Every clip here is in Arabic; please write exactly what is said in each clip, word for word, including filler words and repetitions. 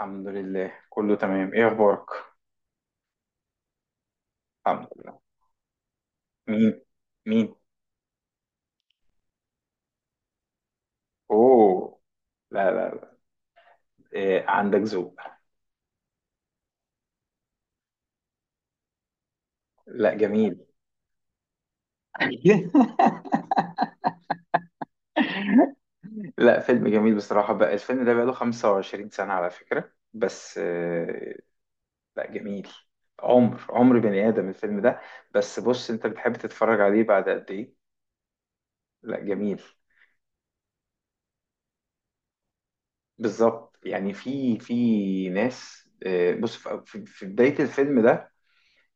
الحمد لله، كله تمام. ايه اخبارك؟ الحمد لله. مين مين؟ اوه. لا، لا، لا. إيه، عندك ذوق. لا، جميل. لا، فيلم جميل بصراحة. بقى الفيلم ده بقاله خمسة وعشرين سنة على فكرة بس آه، لا، جميل. عمر عمر بني آدم الفيلم ده. بس بص، انت بتحب تتفرج عليه بعد قد ايه؟ لا، جميل. بالظبط. يعني في في ناس، آه، بص، في في- في بداية الفيلم ده.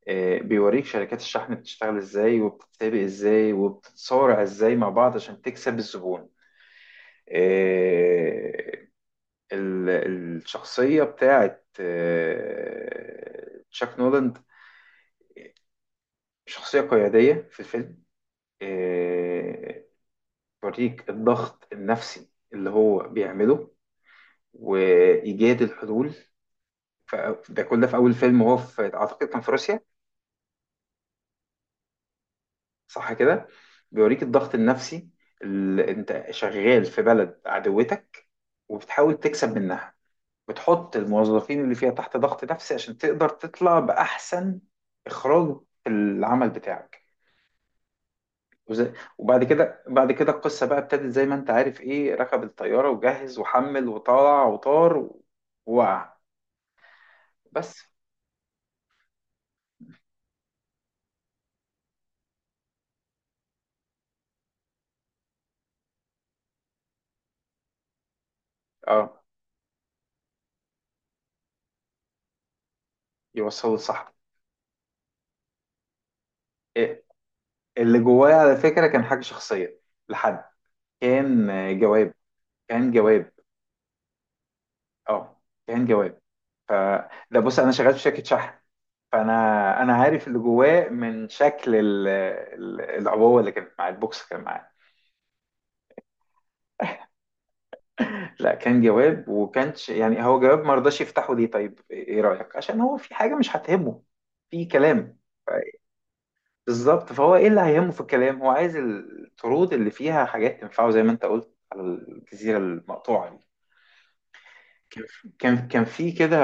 آه، بيوريك شركات الشحن بتشتغل ازاي، وبتتسابق ازاي، وبتتصارع ازاي مع بعض عشان تكسب الزبون. آه، ال- الشخصية بتاعت آه، تشاك نولاند. شخصية قيادية في الفيلم. آه، بيوريك الضغط النفسي اللي هو بيعمله، وإيجاد الحلول. ف- ده كل ده في أول فيلم، وهو في، أعتقد كان في روسيا. صح كده. بيوريك الضغط النفسي، اللي انت شغال في بلد عدوتك، وبتحاول تكسب منها. بتحط الموظفين اللي فيها تحت ضغط نفسي عشان تقدر تطلع بأحسن إخراج في العمل بتاعك. وز- وبعد كده بعد كده القصة بقى ابتدت، زي ما انت عارف، ايه، ركب الطيارة وجهز وحمل وطلع وطار، ووقع. بس. اه، يوصله لصاحبه. إيه، اللي جواه على فكرة كان حاجة شخصية لحد. كان آه، جواب. كان جواب. اه، كان جواب. ف ده بص، انا شغال في شركه شحن. فانا، انا عارف اللي جواه من شكل ال... ال- العبوه اللي كانت مع البوكس كان معاه. لا، كان جواب وكانش، يعني هو جواب، ما رضاش يفتحه. ليه؟ طيب، ايه رايك، عشان هو في حاجه مش هتهمه في كلام. ف- بالظبط. فهو ايه اللي هيهمه في الكلام، هو عايز الطرود اللي فيها حاجات تنفعه، زي ما انت قلت على الجزيره المقطوعه دي. كان كان كان في كده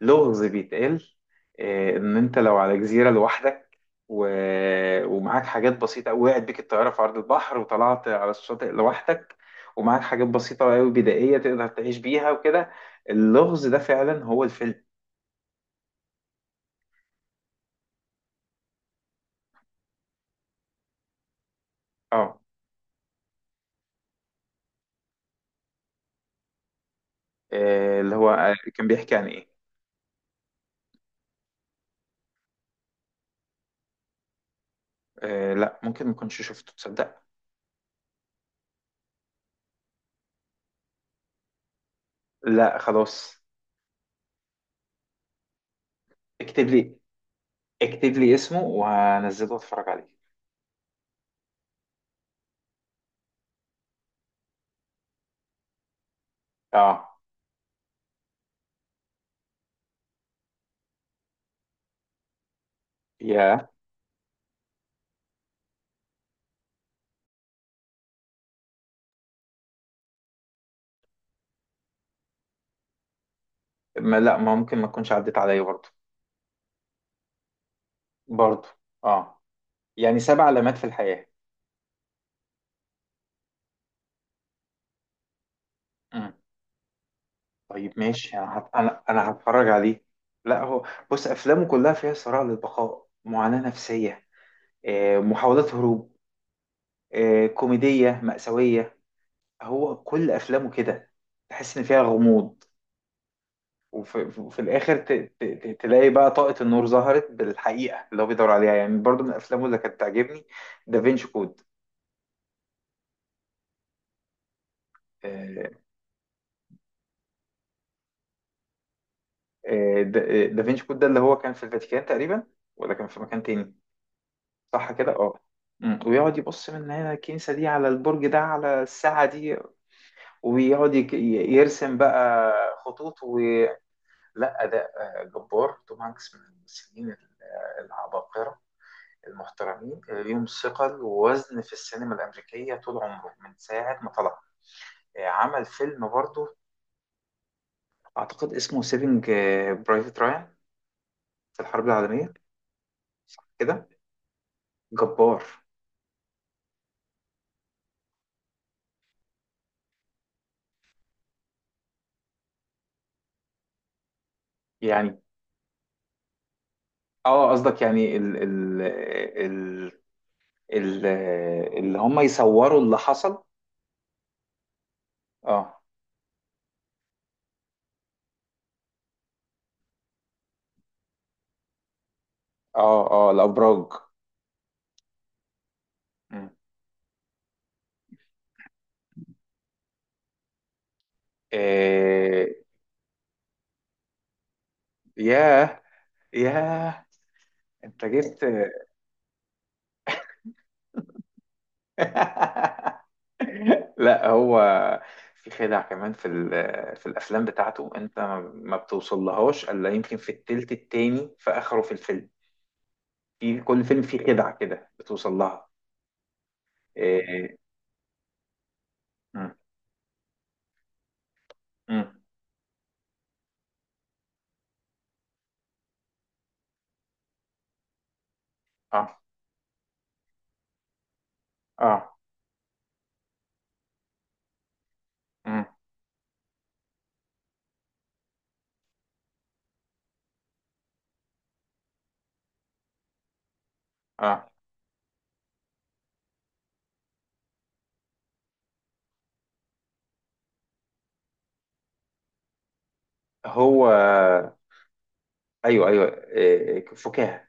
لغز بيتقال، آه، ان انت لو على جزيره لوحدك و... ومعاك حاجات بسيطه قوي، وقعت بيك الطياره في عرض البحر وطلعت على الشاطئ لوحدك، ومعاك حاجات بسيطه قوي بدائيه تقدر تعيش بيها وكده. اللغز ده فعلا هو الفيلم. اه. آه، اللي هو آه، كان بيحكي عن ايه؟ آه، لا، ممكن ما كنتش شفته، تصدق. لا، خلاص. اكتب لي اكتب لي اسمه وهنزله واتفرج عليه. اه، يا ما، لا ما ممكن ما تكونش عدت عليا برضه. برضه، اه. يعني سبع علامات في الحياة. مم. طيب، ماشي. انا هت... انا انا هتفرج عليه. لا، هو، بص افلامه كلها فيها صراع للبقاء، معاناة نفسية، آه، محاولات هروب، آه، كوميدية مأساوية. هو كل افلامه كده، تحس ان فيها غموض، وفي في الاخر ت... ت... ت- تلاقي بقى طاقة النور ظهرت بالحقيقة اللي هو بيدور عليها. يعني برضو من افلامه اللي كانت تعجبني دافينشي كود. آه، آه، دا- آه، دافينشي كود ده اللي هو كان في الفاتيكان تقريبا، ولا كان في مكان تاني؟ صح كده، اه. مم. ويقعد يبص من هنا الكنيسة دي على البرج ده على الساعة دي، ويقعد يك- ي- يرسم بقى خطوط. و لا، ده آه، جبار. توم هانكس من الممثلين ال- آه، العباقرة المحترمين، آه، ليهم ثقل ووزن في السينما الأمريكية طول عمره من ساعة ما طلع. آه، عمل فيلم برضه، أعتقد اسمه سيفنج برايفت رايان في الحرب العالمية. كده، جبار. يعني. اه، قصدك يعني ال ال ال- اللي هم يصوروا اللي حصل. اه، اه، اه، الابراج. مم. إيه. ياه. ياه. انت جبت. لا، هو في خدع كمان في ال- في الافلام بتاعته، انت ما بتوصلهاش الا يمكن في التلت التاني في اخره في الفيلم. في كل فيلم فيه خدعة كده بتوصل لها. إيه، إيه. مم. مم. اه، اه. مم. اه. هو، ايوه، ايوه، إيه، فكاهه.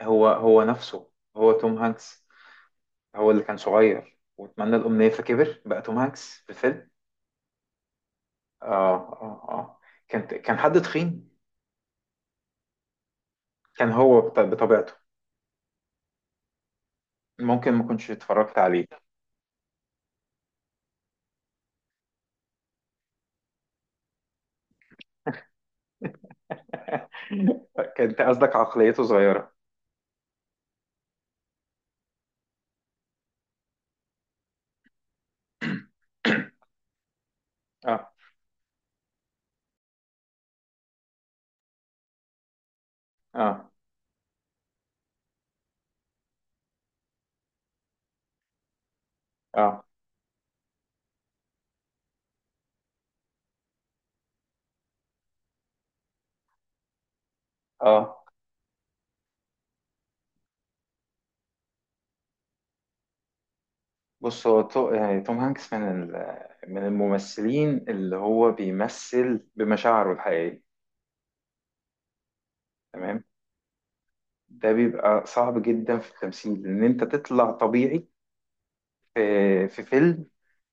هو هو نفسه، هو توم هانكس، هو اللي كان صغير واتمنى الامنيه فكبر بقى توم هانكس في الفيلم. اه، اه، اه، كان كان حد تخين. كان هو بط- بطبيعته، ممكن ما كنتش اتفرجت عليه. كنت قصدك عقليته صغيره. اه، اه، اه، اه. بص، هو تو- يعني توم هانكس من ال- من الممثلين اللي هو بيمثل بمشاعره الحقيقيه. تمام. ده بيبقى صعب جدا في التمثيل ان انت تطلع طبيعي في في فيلم.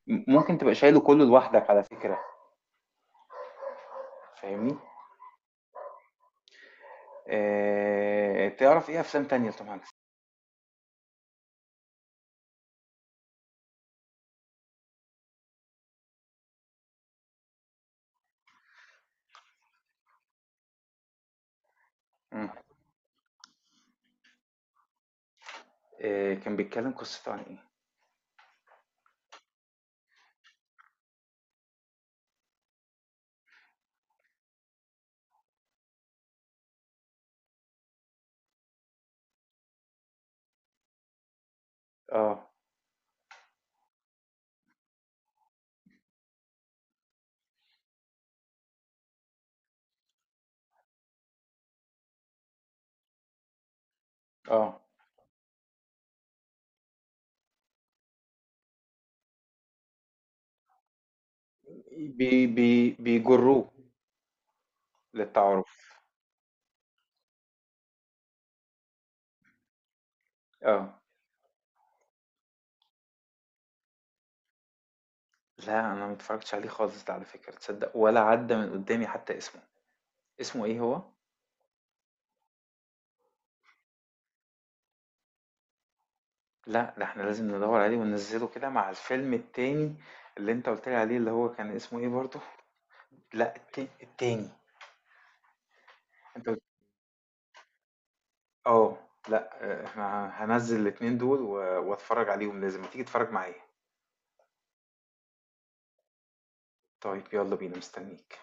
ممكن تبقى شايله كله لوحدك على فكرة. فاهمني؟ آه... تعرف ايه افلام تانية لتوم هانكس؟ مم. آه... كان بيتكلم قصته عن ايه؟ اه، اه، بي... بي... بيجروه للتعارف. اه. لا، انا ما اتفرجتش عليه خالص ده على فكرة، تصدق، ولا عدى من قدامي حتى اسمه. اسمه ايه هو؟ لا، ده احنا لازم ندور عليه وننزله كده مع الفيلم التاني اللي انت قلت لي عليه اللي هو كان اسمه ايه برضه. لأ، الت التاني. أنت قُلت. آه، لأ، آه، إحنا هانزّل الاتنين دول و واتفرّج عليهم لازم، ما تيجي تتفرّج معايا؟ طيب، يالّا بينا، مستنيك.